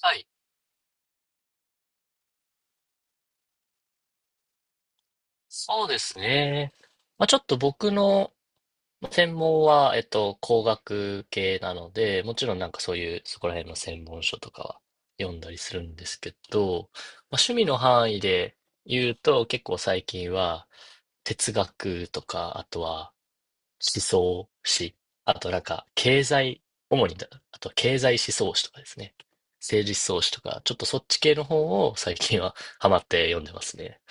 はい。そうですね。まあ、ちょっと僕の専門は、工学系なので、もちろんなんかそういう、そこら辺の専門書とかは読んだりするんですけど、まあ、趣味の範囲で言うと、結構最近は哲学とか、あとは思想史、あとなんか経済、主にだ、あとは経済思想史とかですね。政治思想史とか、ちょっとそっち系の本を最近はハマって読んでますね。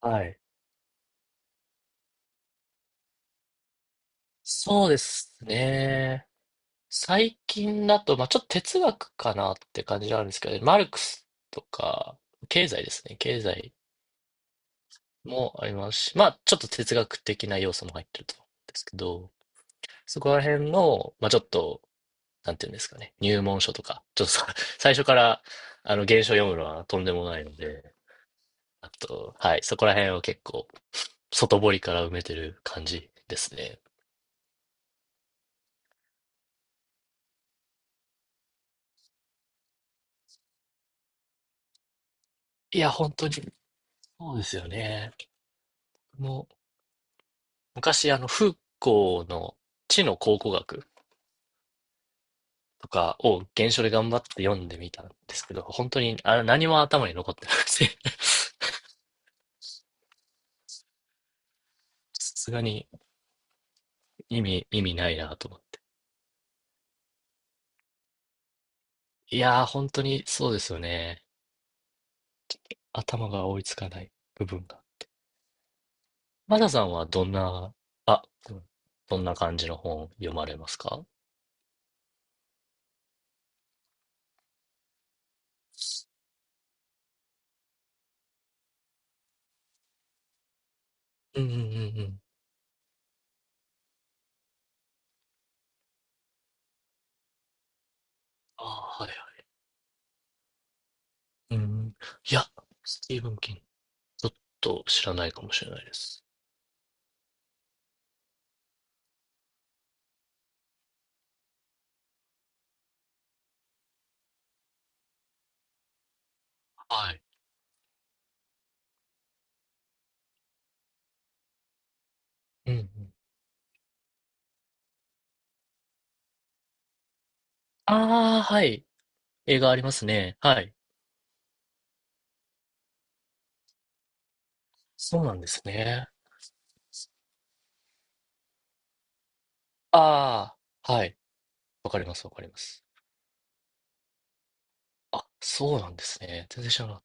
はい。そうですね。最近だと、まあちょっと哲学かなって感じなんですけどね、マルクスとか、経済ですね。経済もありますし、まあちょっと哲学的な要素も入ってると思うんですけど、そこら辺の、まあちょっと、なんていうんですかね、入門書とか、ちょっとさ 最初から、原書読むのはとんでもないので、あと、はい、そこら辺を結構、外堀から埋めてる感じですね。いや、本当に、そうですよね。もう昔、フーコーの知の考古学とかを原書で頑張って読んでみたんですけど、本当にあれ何も頭に残ってなくて さすがに意味ないなと思って。いやー、本当にそうですよね。頭が追いつかない部分が。マダさんはあ、どんな感じの本を読まれますか？うんうんうんうん。ああ、はいはい。うん。いや、スティーブン・キング、ちょっと知らないかもしれないです。はい。うんうん。ああ、はい。映画ありますね。はい。そうなんですね。ああ、はい。わかります、わかります。あ、そうなんですね。全然知らなかっ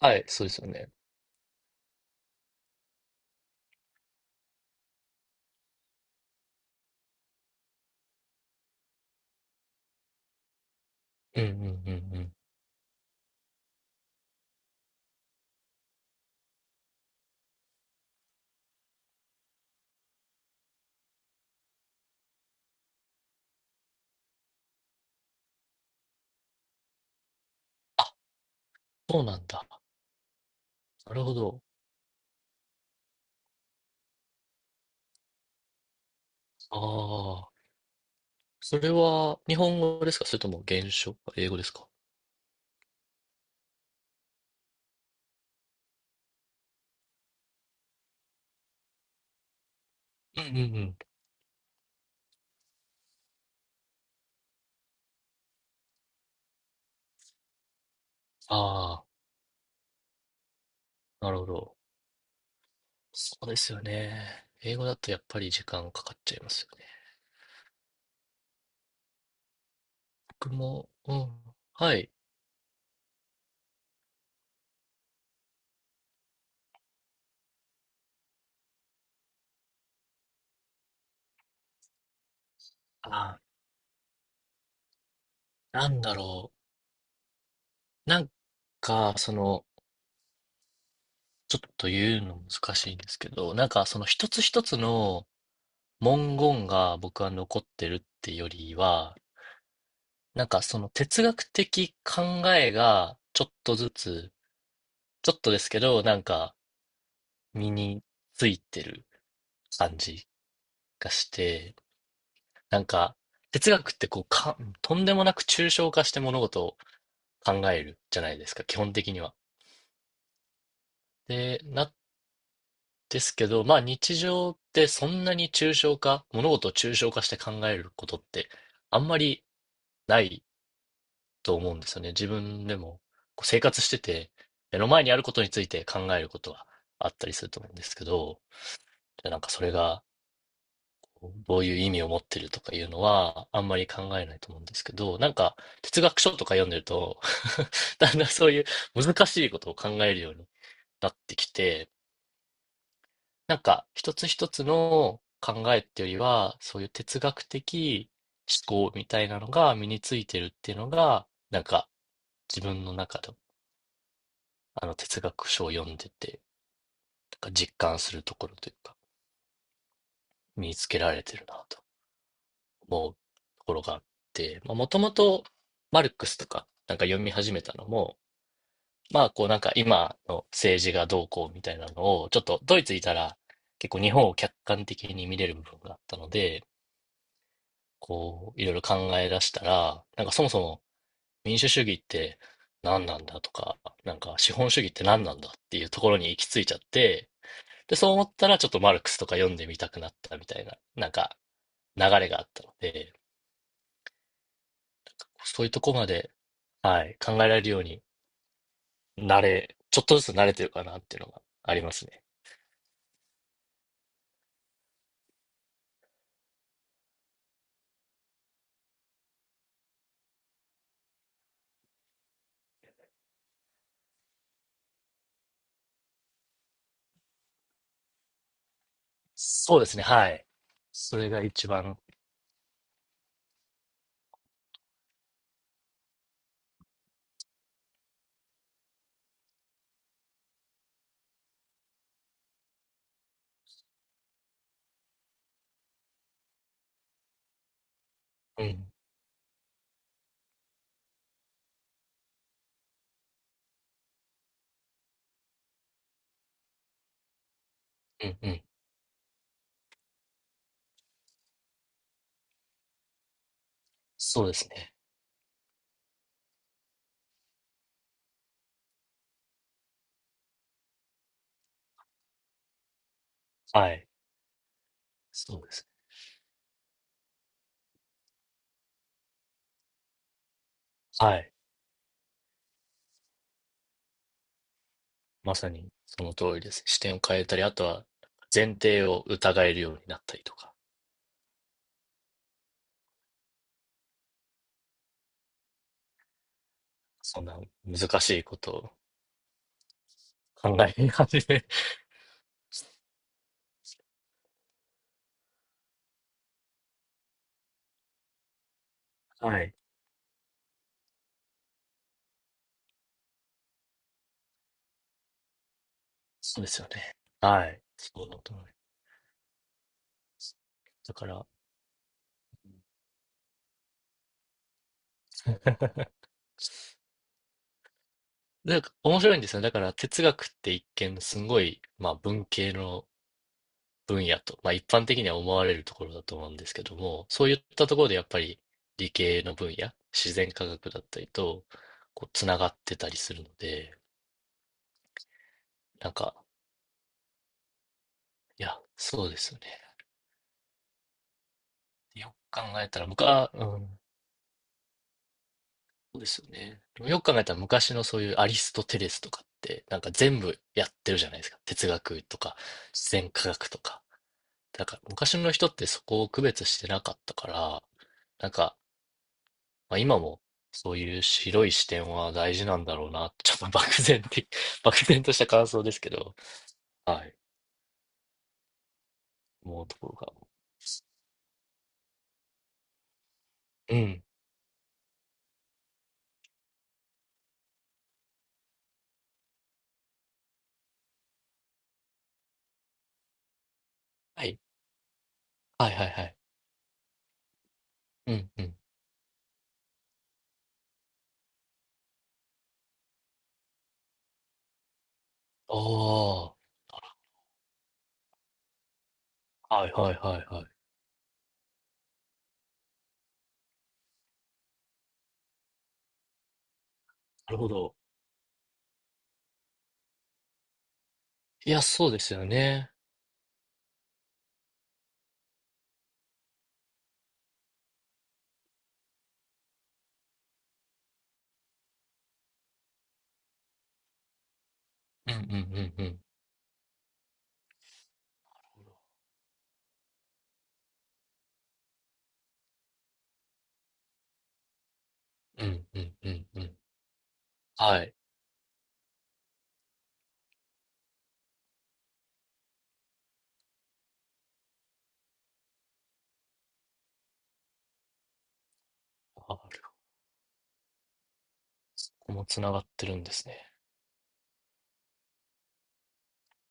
た。はい、そうですよね。うんうんうんうん。そうなんだ。なるほど。ああ、それは日本語ですか？それとも原書、英語ですか？うんうんうん。ああ、なるほど。そうですよね。英語だとやっぱり時間かかっちゃいますよね。僕も、うん。はい。ああ、なんだろう。なんか、ちょっと言うの難しいんですけど、なんかその一つ一つの文言が僕は残ってるってよりは、なんかその哲学的考えがちょっとずつ、ちょっとですけど、なんか身についてる感じがして、なんか哲学ってこうか、とんでもなく抽象化して物事を考えるじゃないですか、基本的には。で、ですけど、まあ日常ってそんなに抽象化、物事を抽象化して考えることってあんまりないと思うんですよね。自分でもこう生活してて、目の前にあることについて考えることはあったりすると思うんですけど、でなんかそれがどういう意味を持ってるとかいうのはあんまり考えないと思うんですけど、なんか哲学書とか読んでると だんだんそういう難しいことを考えるようになってきて、なんか、一つ一つの考えっていうよりは、そういう哲学的思考みたいなのが身についてるっていうのが、なんか、自分の中の、あの哲学書を読んでて、なんか実感するところというか、身につけられてるなと思うところがあって、まあ、もともとマルクスとか、なんか読み始めたのも、まあ、こうなんか今の政治がどうこうみたいなのを、ちょっとドイツいたら結構日本を客観的に見れる部分があったので、こう、いろいろ考え出したら、なんかそもそも民主主義って何なんだとか、なんか資本主義って何なんだっていうところに行き着いちゃって、で、そう思ったらちょっとマルクスとか読んでみたくなったみたいな、なんか流れがあったので、そういうとこまで、はい、考えられるようにちょっとずつ慣れてるかなっていうのがありますね。そうですね、はい。それが一番、うん、うん、うん。そうですね。はい。そうですね。はい。まさにその通りです。視点を変えたり、あとは前提を疑えるようになったりとか、そんな難しいことを考え始め。はい。そうですよね。はい。そうだと思います。だから、なんか面白いんですよね。だから哲学って一見すごい、まあ文系の分野と、まあ一般的には思われるところだと思うんですけども、そういったところでやっぱり理系の分野、自然科学だったりと、こう、つながってたりするので、なんかいや、そうですよね。よく考えたら、うん、そうですよね。でもよく考えたら昔のそういうアリストテレスとかって、なんか全部やってるじゃないですか。哲学とか、自然科学とか。だから昔の人ってそこを区別してなかったから、なんか、まあ、今もそういう広い視点は大事なんだろうな。ちょっと漠然的、漠然とした感想ですけど、はい、思うところが。うん。はい。はいはいはい。うんうん。ああ。はいはいはいはい。なるほど。いや、そうですよね。うんうんうんうん。うんうんうんうん。はい。あるそこもつながってるんですね。